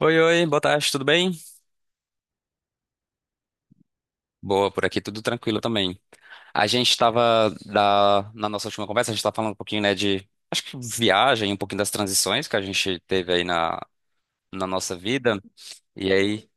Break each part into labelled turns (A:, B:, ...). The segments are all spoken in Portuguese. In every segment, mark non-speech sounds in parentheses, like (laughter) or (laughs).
A: Oi, oi, boa tarde, tudo bem? Boa, por aqui tudo tranquilo também. A gente estava Na nossa última conversa, a gente estava falando um pouquinho, né, de acho que viagem, um pouquinho das transições que a gente teve aí na nossa vida. E aí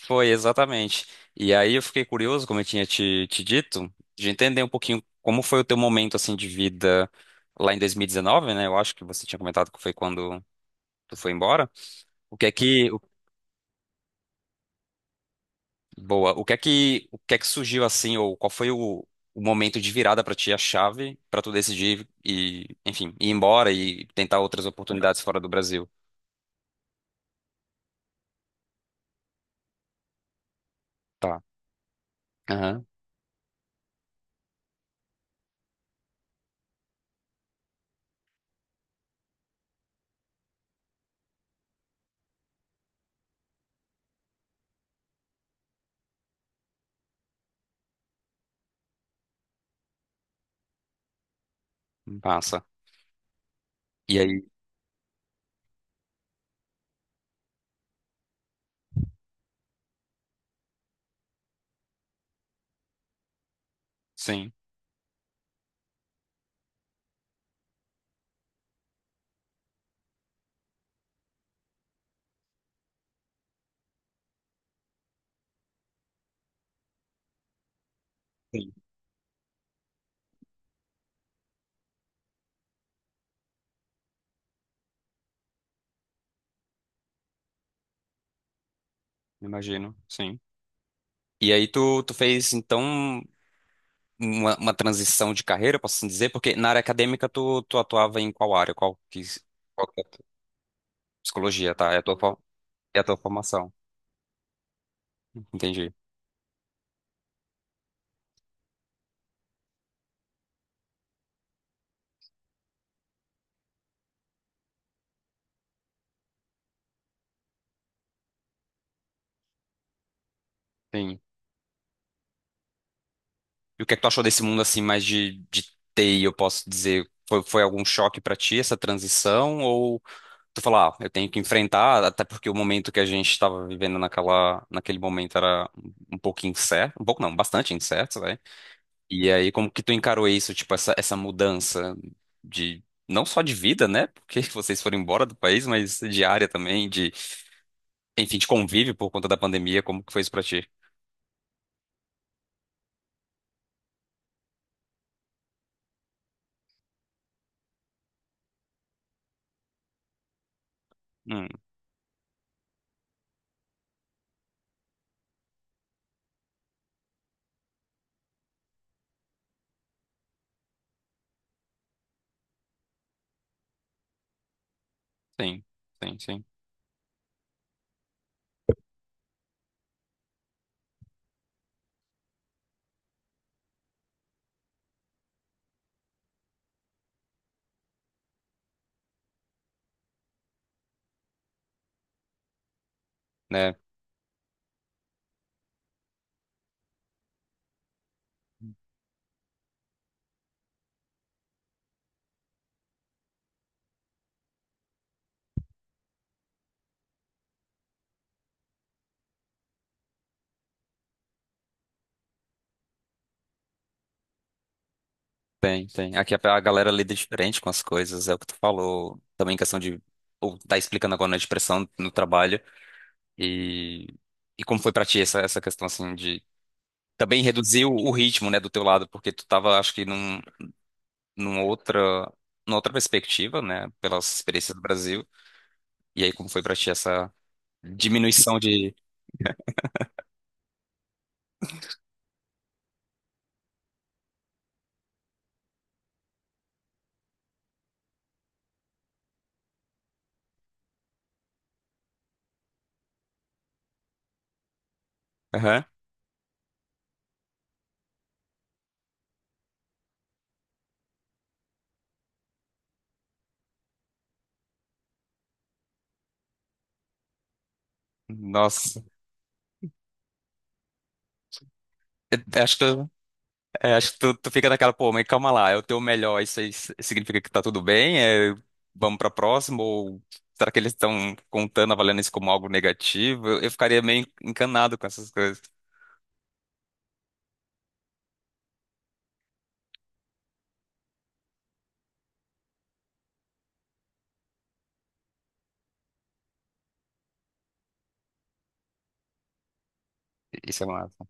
A: foi exatamente. E aí eu fiquei curioso, como eu tinha te dito, de entender um pouquinho como foi o teu momento assim de vida lá em 2019, né? Eu acho que você tinha comentado que foi quando tu foi embora. O que é que Boa. O que é que surgiu assim, ou qual foi o momento de virada pra ti, a chave pra tu decidir e, enfim, ir embora e tentar outras oportunidades fora do Brasil? Tá. Aham. Passa. E aí? Sim. Sim. Imagino. Sim. E aí tu fez então uma transição de carreira, posso assim dizer, porque na área acadêmica tu atuava em qual área? Qual que é a tua- psicologia, tá? É a tua formação. Entendi. Sim. E o que é que tu achou desse mundo assim mais de TI, eu posso dizer? Foi algum choque pra ti essa transição? Ou tu falar, ah, eu tenho que enfrentar, até porque o momento que a gente estava vivendo naquela, naquele momento era um pouco incerto, um pouco não, bastante incerto, né? E aí, como que tu encarou isso, tipo, essa mudança de não só de vida, né? Porque (laughs) vocês foram embora do país, mas de área também, de, enfim, de convívio por conta da pandemia, como que foi isso pra ti? Hum, sim, sim, sim. Né? Tem, tem. Aqui a galera lida diferente com as coisas, é o que tu falou. Também questão de. Ou tá explicando agora na depressão no trabalho. E, e como foi pra ti essa questão, assim, de. Também reduzir o ritmo, né, do teu lado, porque tu tava, acho que, num outra, numa outra perspectiva, né, pelas experiências do Brasil. E aí, como foi pra ti essa diminuição de. Aham. Nossa. Eu acho que. É, acho que tu fica naquela, pô, mas calma lá, é o teu melhor, isso aí significa que tá tudo bem? É, vamos pra próxima? Ou será que eles estão contando, avaliando isso como algo negativo? Eu ficaria meio encanado com essas coisas. Isso é massa,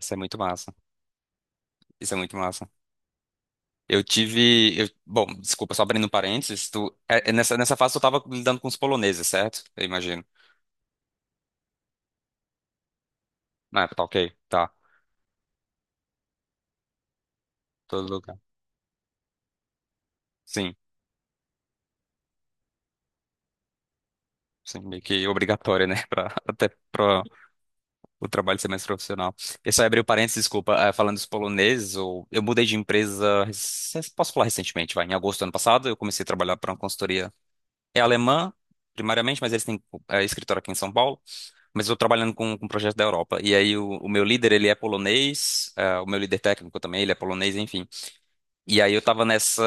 A: isso é muito massa, isso é muito massa. Eu tive, bom, desculpa, só abrindo um parênteses, tu, é nessa fase tu tava lidando com os poloneses, certo? Eu imagino. Ah, tá ok, tá, todo lugar. Sim, sim, meio que obrigatório, né? (laughs) Até pra o trabalho ser mais profissional. Eu só abri o parênteses, desculpa, falando dos poloneses, eu mudei de empresa, posso falar recentemente, vai, em agosto do ano passado, eu comecei a trabalhar para uma consultoria, é alemã, primariamente, mas eles têm escritório aqui em São Paulo, mas eu estou trabalhando com um projeto da Europa, e aí o meu líder, ele é polonês, o meu líder técnico também, ele é polonês, enfim, e aí eu tava nessa.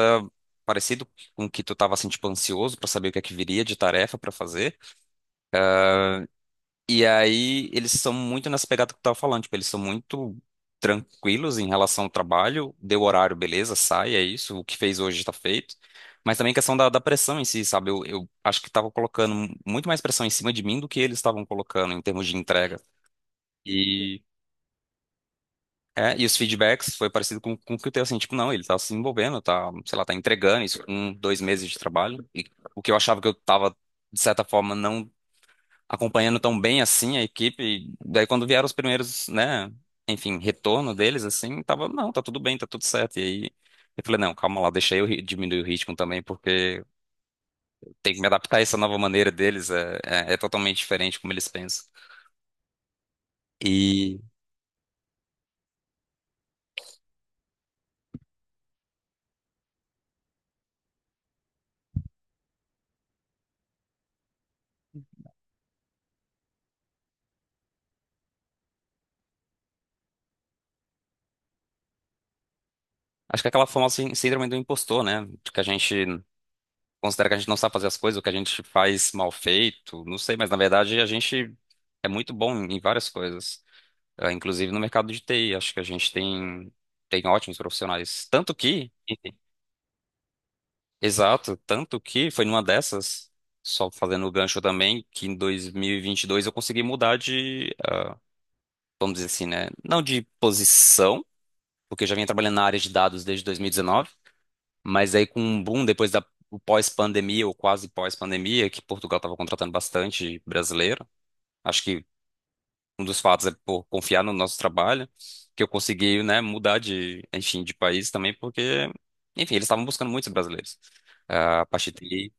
A: Parecido com que tu tava assim, tipo, ansioso para saber o que é que viria de tarefa para fazer. E aí eles são muito nessa pegada que eu tava falando, tipo, eles são muito tranquilos em relação ao trabalho, deu horário, beleza, sai, é isso, o que fez hoje está feito. Mas também a questão da pressão em si, sabe? Eu acho que tava colocando muito mais pressão em cima de mim do que eles estavam colocando em termos de entrega. E, e os feedbacks foi parecido com o que eu tenho, assim, tipo, não, ele tá se envolvendo, tá, sei lá, tá entregando isso com 2 meses de trabalho. E o que eu achava que eu tava, de certa forma, não acompanhando tão bem assim a equipe. E daí quando vieram os primeiros, né, enfim, retorno deles assim, tava, não, tá tudo bem, tá tudo certo. E aí eu falei, não, calma lá, deixa eu diminuir o ritmo também, porque tem que me adaptar a essa nova maneira deles, é totalmente diferente como eles pensam. E acho que é aquela famosa síndrome do impostor, né? De que a gente considera que a gente não sabe fazer as coisas, ou que a gente faz mal feito, não sei, mas na verdade a gente é muito bom em várias coisas. Ah, inclusive no mercado de TI, acho que a gente tem ótimos profissionais. Exato, tanto que foi numa dessas, só fazendo o gancho também, que em dois mil e vinte e dois eu consegui mudar de, vamos dizer assim, né? Não de posição, porque eu já vinha trabalhando na área de dados desde 2019, mas aí com um boom depois da o pós-pandemia, ou quase pós-pandemia, que Portugal estava contratando bastante brasileiro. Acho que um dos fatos é por confiar no nosso trabalho, que eu consegui, né, mudar de, enfim, de país também, porque, enfim, eles estavam buscando muitos brasileiros. Ah, a parte de TI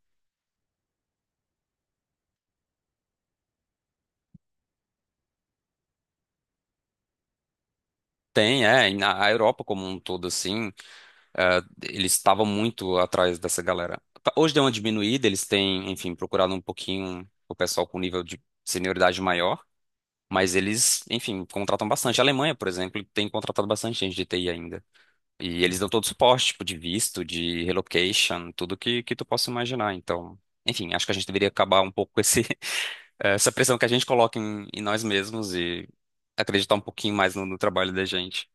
A: tem, é, e na a Europa como um todo, assim, ah, eles estavam muito atrás dessa galera. Tá, hoje deu uma diminuída, eles têm, enfim, procurado um pouquinho o pessoal com nível de senioridade maior, mas eles, enfim, contratam bastante. A Alemanha, por exemplo, tem contratado bastante gente de TI ainda. E eles dão todo suporte, tipo, de visto, de relocation, tudo que tu possa imaginar. Então, enfim, acho que a gente deveria acabar um pouco com (laughs) essa pressão que a gente coloca em nós mesmos e acreditar um pouquinho mais no trabalho da gente.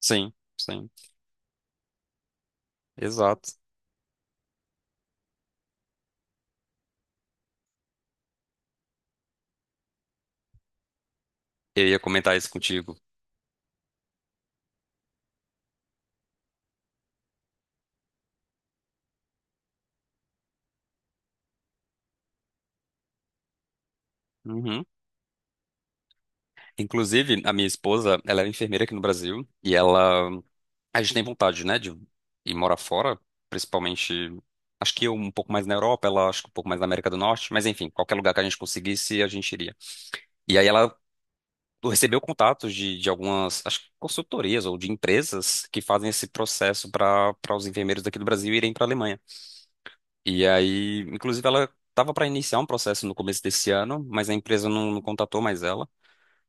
A: Sim, sim, exato. Eu ia comentar isso contigo. Uhum. Inclusive, a minha esposa, ela é enfermeira aqui no Brasil e ela, a gente tem vontade, né, de ir morar fora, principalmente. Acho que eu um pouco mais na Europa, ela acho que um pouco mais na América do Norte, mas enfim, qualquer lugar que a gente conseguisse, a gente iria. E aí ela recebeu contatos de algumas, acho que consultorias ou de empresas que fazem esse processo para os enfermeiros daqui do Brasil irem para a Alemanha. E aí, inclusive, ela estava para iniciar um processo no começo desse ano, mas a empresa não, não contatou mais ela.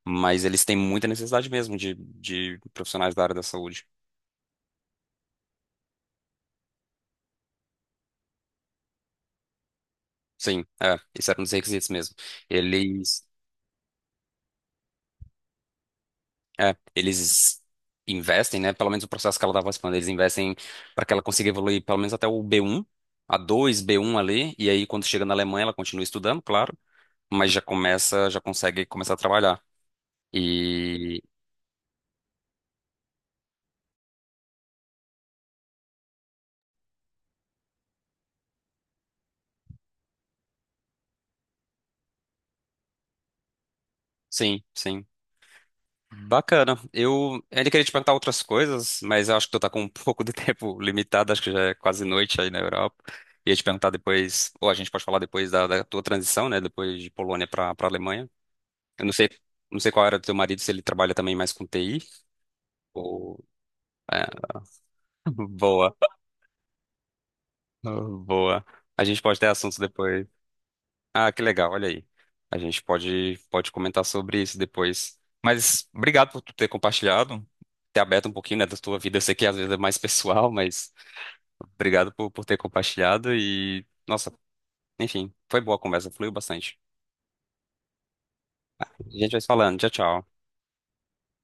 A: Mas eles têm muita necessidade mesmo de profissionais da área da saúde. Sim, é, isso era um dos requisitos mesmo. Eles É, eles investem, né? Pelo menos o processo que ela estava falando, eles investem para que ela consiga evoluir pelo menos até o B1, A2, B1 ali, e aí quando chega na Alemanha ela continua estudando, claro, mas já começa, já consegue começar a trabalhar. E sim, sim. Bacana. Eu ainda queria te perguntar outras coisas, mas eu acho que tu tá com um (laughs) pouco de tempo limitado, acho que já é quase noite aí na Europa. Ia te perguntar depois, ou a gente pode falar depois da tua transição, né? Depois de Polônia para Alemanha. Eu não sei, não sei qual era do teu marido, se ele trabalha também mais com TI ou. É, (laughs) boa, boa. A gente pode ter assuntos depois. Ah, que legal, olha aí. A gente pode comentar sobre isso depois. Mas obrigado por tu ter compartilhado, ter aberto um pouquinho, né, da tua vida. Eu sei que às vezes é mais (laughs) pessoal, mas obrigado por ter compartilhado e, nossa, enfim, foi boa a conversa, fluiu bastante. A gente vai se falando. Tchau, tchau.